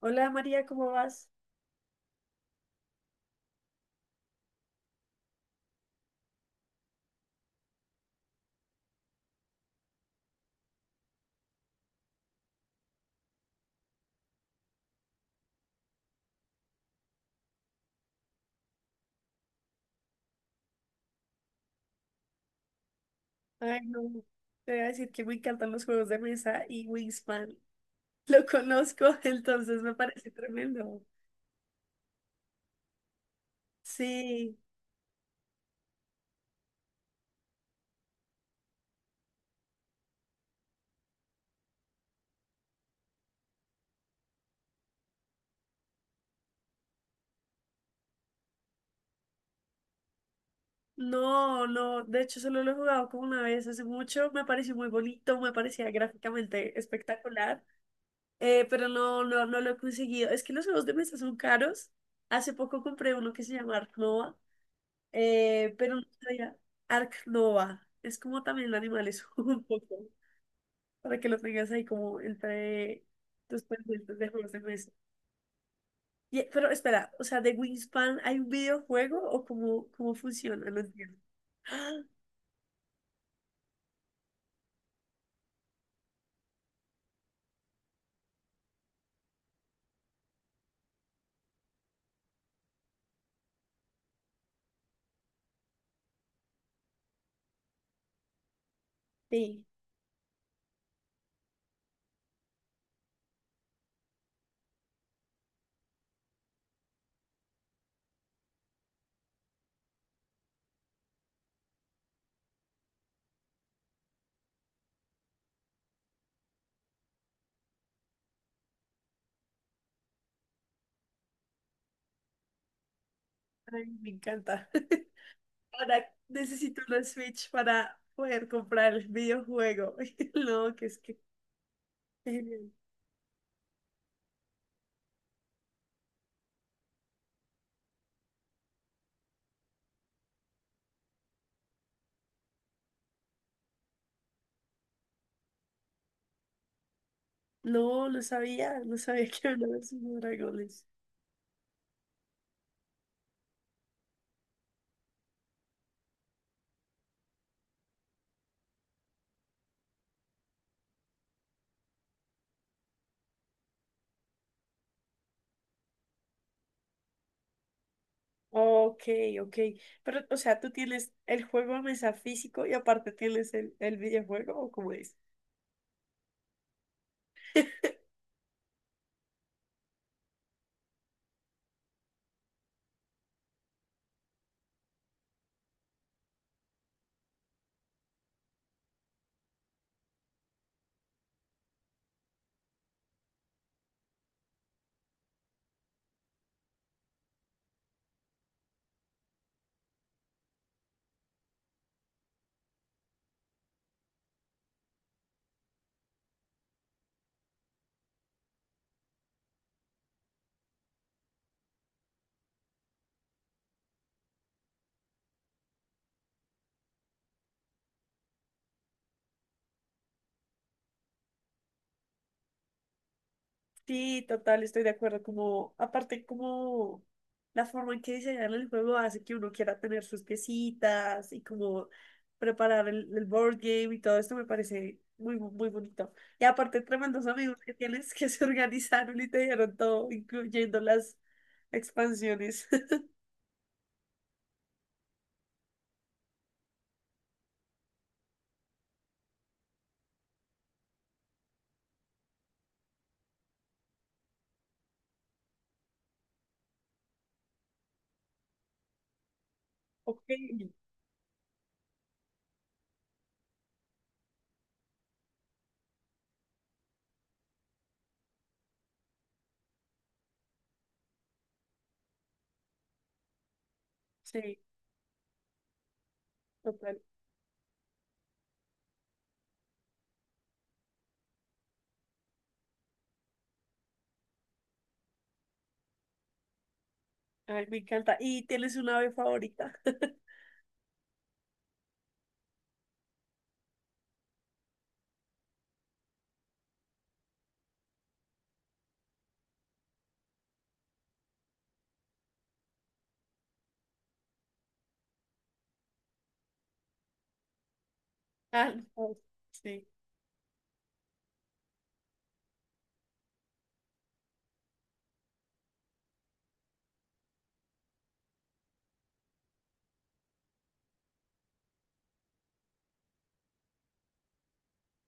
Hola María, ¿cómo vas? Ay, no, te voy a decir que me encantan los juegos de mesa y Wingspan. Lo conozco, entonces me parece tremendo. Sí, no, no, de hecho solo lo he jugado como una vez hace mucho, me pareció muy bonito, me parecía gráficamente espectacular, pero no lo he conseguido. Es que los juegos de mesa son caros. Hace poco compré uno que se llama Ark Nova, pero no sabía- Ark Nova. Es como también animales un poco. Para que lo tengas ahí como entre tus pendientes de juegos de mesa. Y- pero espera, o sea, de Wingspan hay un videojuego o cómo funciona, no entiendo. Ah, sí, ay, me encanta. Ahora necesito una Switch para poder comprar el videojuego. No, que es que qué genial. No, no sabía, no sabía que había una versión de dragones. Ok, ok. Pero, o sea, tú tienes el juego a mesa físico y aparte tienes el videojuego, ¿o cómo es? Sí, total, estoy de acuerdo. Como, aparte, como la forma en que diseñan el juego hace que uno quiera tener sus piecitas y como preparar el board game y todo esto me parece muy, muy bonito. Y aparte, tremendos amigos que tienes que se organizaron y te dieron todo, incluyendo las expansiones. Ok, sí, total. Ay, me encanta. ¿Y tienes una ave favorita? Ah, no, sí.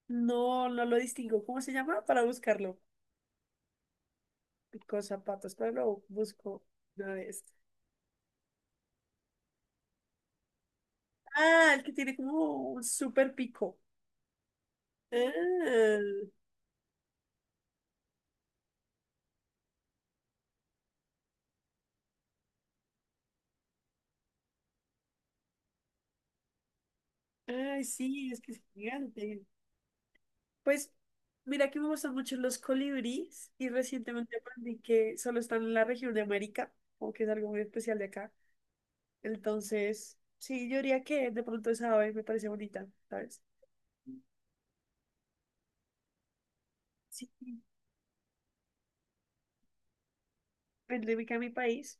No, no lo distingo. ¿Cómo se llama? Para buscarlo. Pico zapatos, pero lo busco una vez. Ah, el que tiene como un super pico. Ah, ay, sí, es que es gigante. Pues mira que me gustan mucho los colibríes y recientemente aprendí que solo están en la región de América, como que es algo muy especial de acá. Entonces, sí, yo diría que de pronto esa ave me parece bonita, ¿sabes? Sí, endémica a mi país.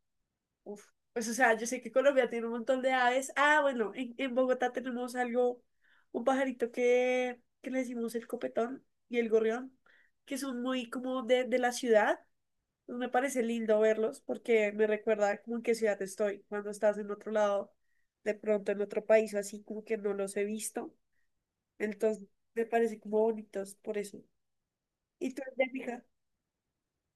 Uf, pues o sea, yo sé que Colombia tiene un montón de aves. Ah, bueno, en Bogotá tenemos algo, un pajarito que le decimos el copetón y el gorrión, que son muy como de la ciudad. Pues me parece lindo verlos porque me recuerda como en qué ciudad estoy. Cuando estás en otro lado, de pronto en otro país o así, como que no los he visto. Entonces, me parece como bonitos por eso. ¿Y tú eres de México?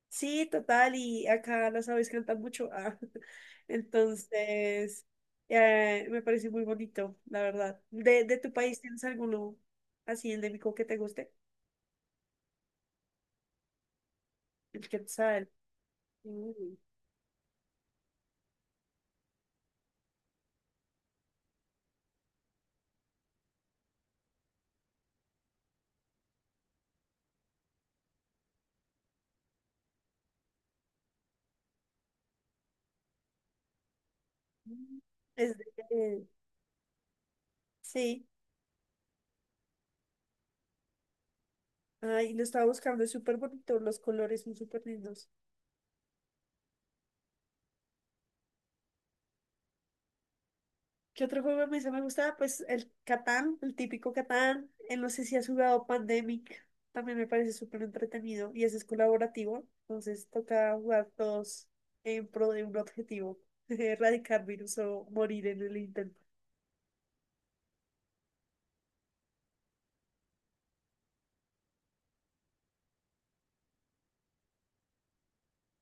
Sí, total, y acá las aves cantan mucho. Ah. Entonces, me parece muy bonito, la verdad. De tu país tienes alguno así endémico que te guste? El quetzal. Mm. Es de- eh, sí, ay, lo estaba buscando, es súper bonito, los colores son súper lindos. ¿Qué otro juego me gustaba? Pues el Catán, el típico Catán. No sé si has jugado Pandemic. También me parece súper entretenido y ese es colaborativo. Entonces toca jugar todos en pro de un objetivo, erradicar virus o morir en el intento.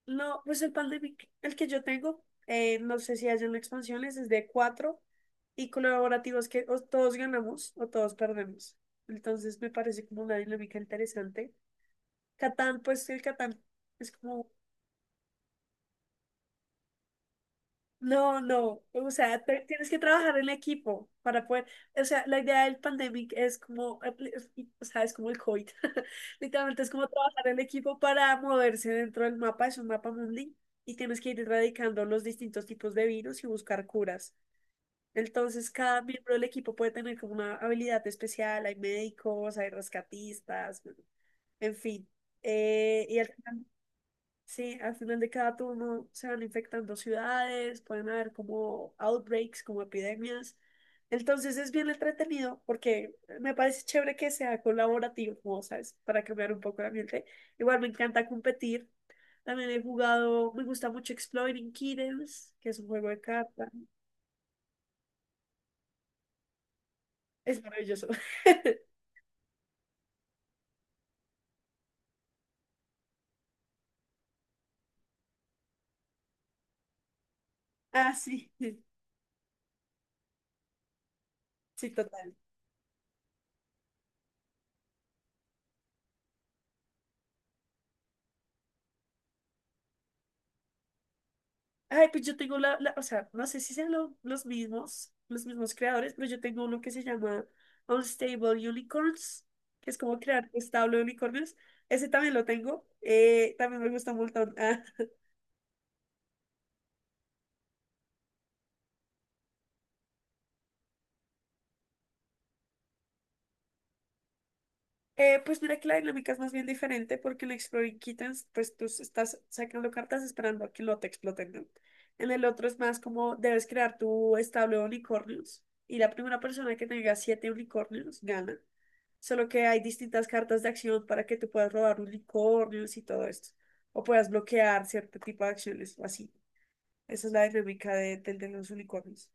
No, pues el Pandemic, el que yo tengo, no sé si hay una expansión, ese es de cuatro y colaborativos que o todos ganamos o todos perdemos. Entonces me parece como una dinámica interesante. Catán, pues el Catán. Es como no, no, o sea, tienes que trabajar en equipo para poder, o sea, la idea del pandemic es como, o sea, es como el COVID, literalmente es como trabajar en equipo para moverse dentro del mapa, es un mapa mundi, y tienes que ir erradicando los distintos tipos de virus y buscar curas. Entonces, cada miembro del equipo puede tener como una habilidad especial, hay médicos, hay rescatistas, bueno, en fin. Y al Sí, al final de cada turno se van infectando ciudades, pueden haber como outbreaks, como epidemias. Entonces es bien entretenido porque me parece chévere que sea colaborativo, ¿sabes? Para cambiar un poco el ambiente. Igual me encanta competir. También he jugado, me gusta mucho Exploring Kittens, que es un juego de cartas. Es maravilloso. Ah, sí, sí, total. Ay, pues yo tengo o sea, no sé si sean los mismos creadores, pero yo tengo uno que se llama Unstable Unicorns, que es como crear un establo de unicornios. Ese también lo tengo. También me gusta un montón. Pues mira que la dinámica es más bien diferente porque en Exploring Kittens, pues tú estás sacando cartas esperando a que no te exploten, ¿no? En el otro es más como debes crear tu establo de unicornios y la primera persona que tenga siete unicornios gana. Solo que hay distintas cartas de acción para que tú puedas robar unicornios y todo esto. O puedas bloquear cierto tipo de acciones o así. Esa es la dinámica del de los unicornios.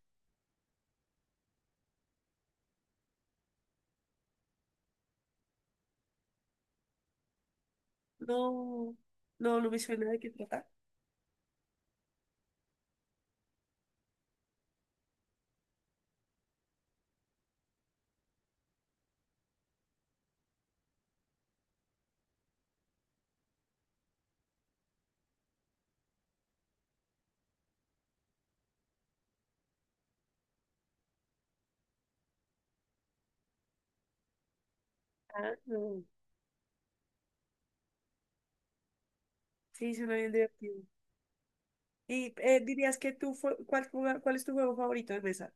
No, no, no me suena de qué tratar. Ah, no. Sí, suena bien divertido. Y dirías que tú, ¿cuál, cuál es tu juego favorito de mesa?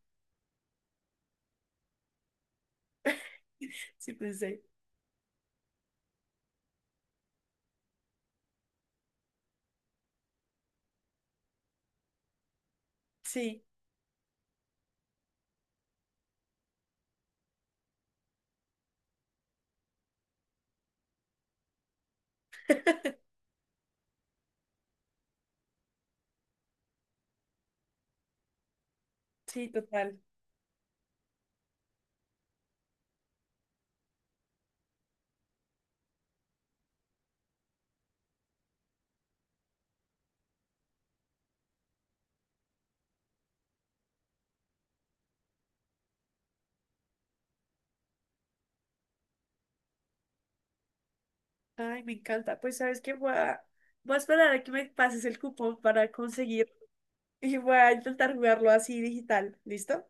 Sí, pensé. Sí, sí, total. Ay, me encanta. Pues sabes que voy a esperar a que me pases el cupón para conseguir y voy a intentar jugarlo así digital. ¿Listo?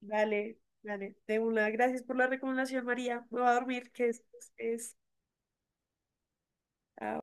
Vale, vale. De una. Gracias por la recomendación, María. Me voy a dormir, que es, ah,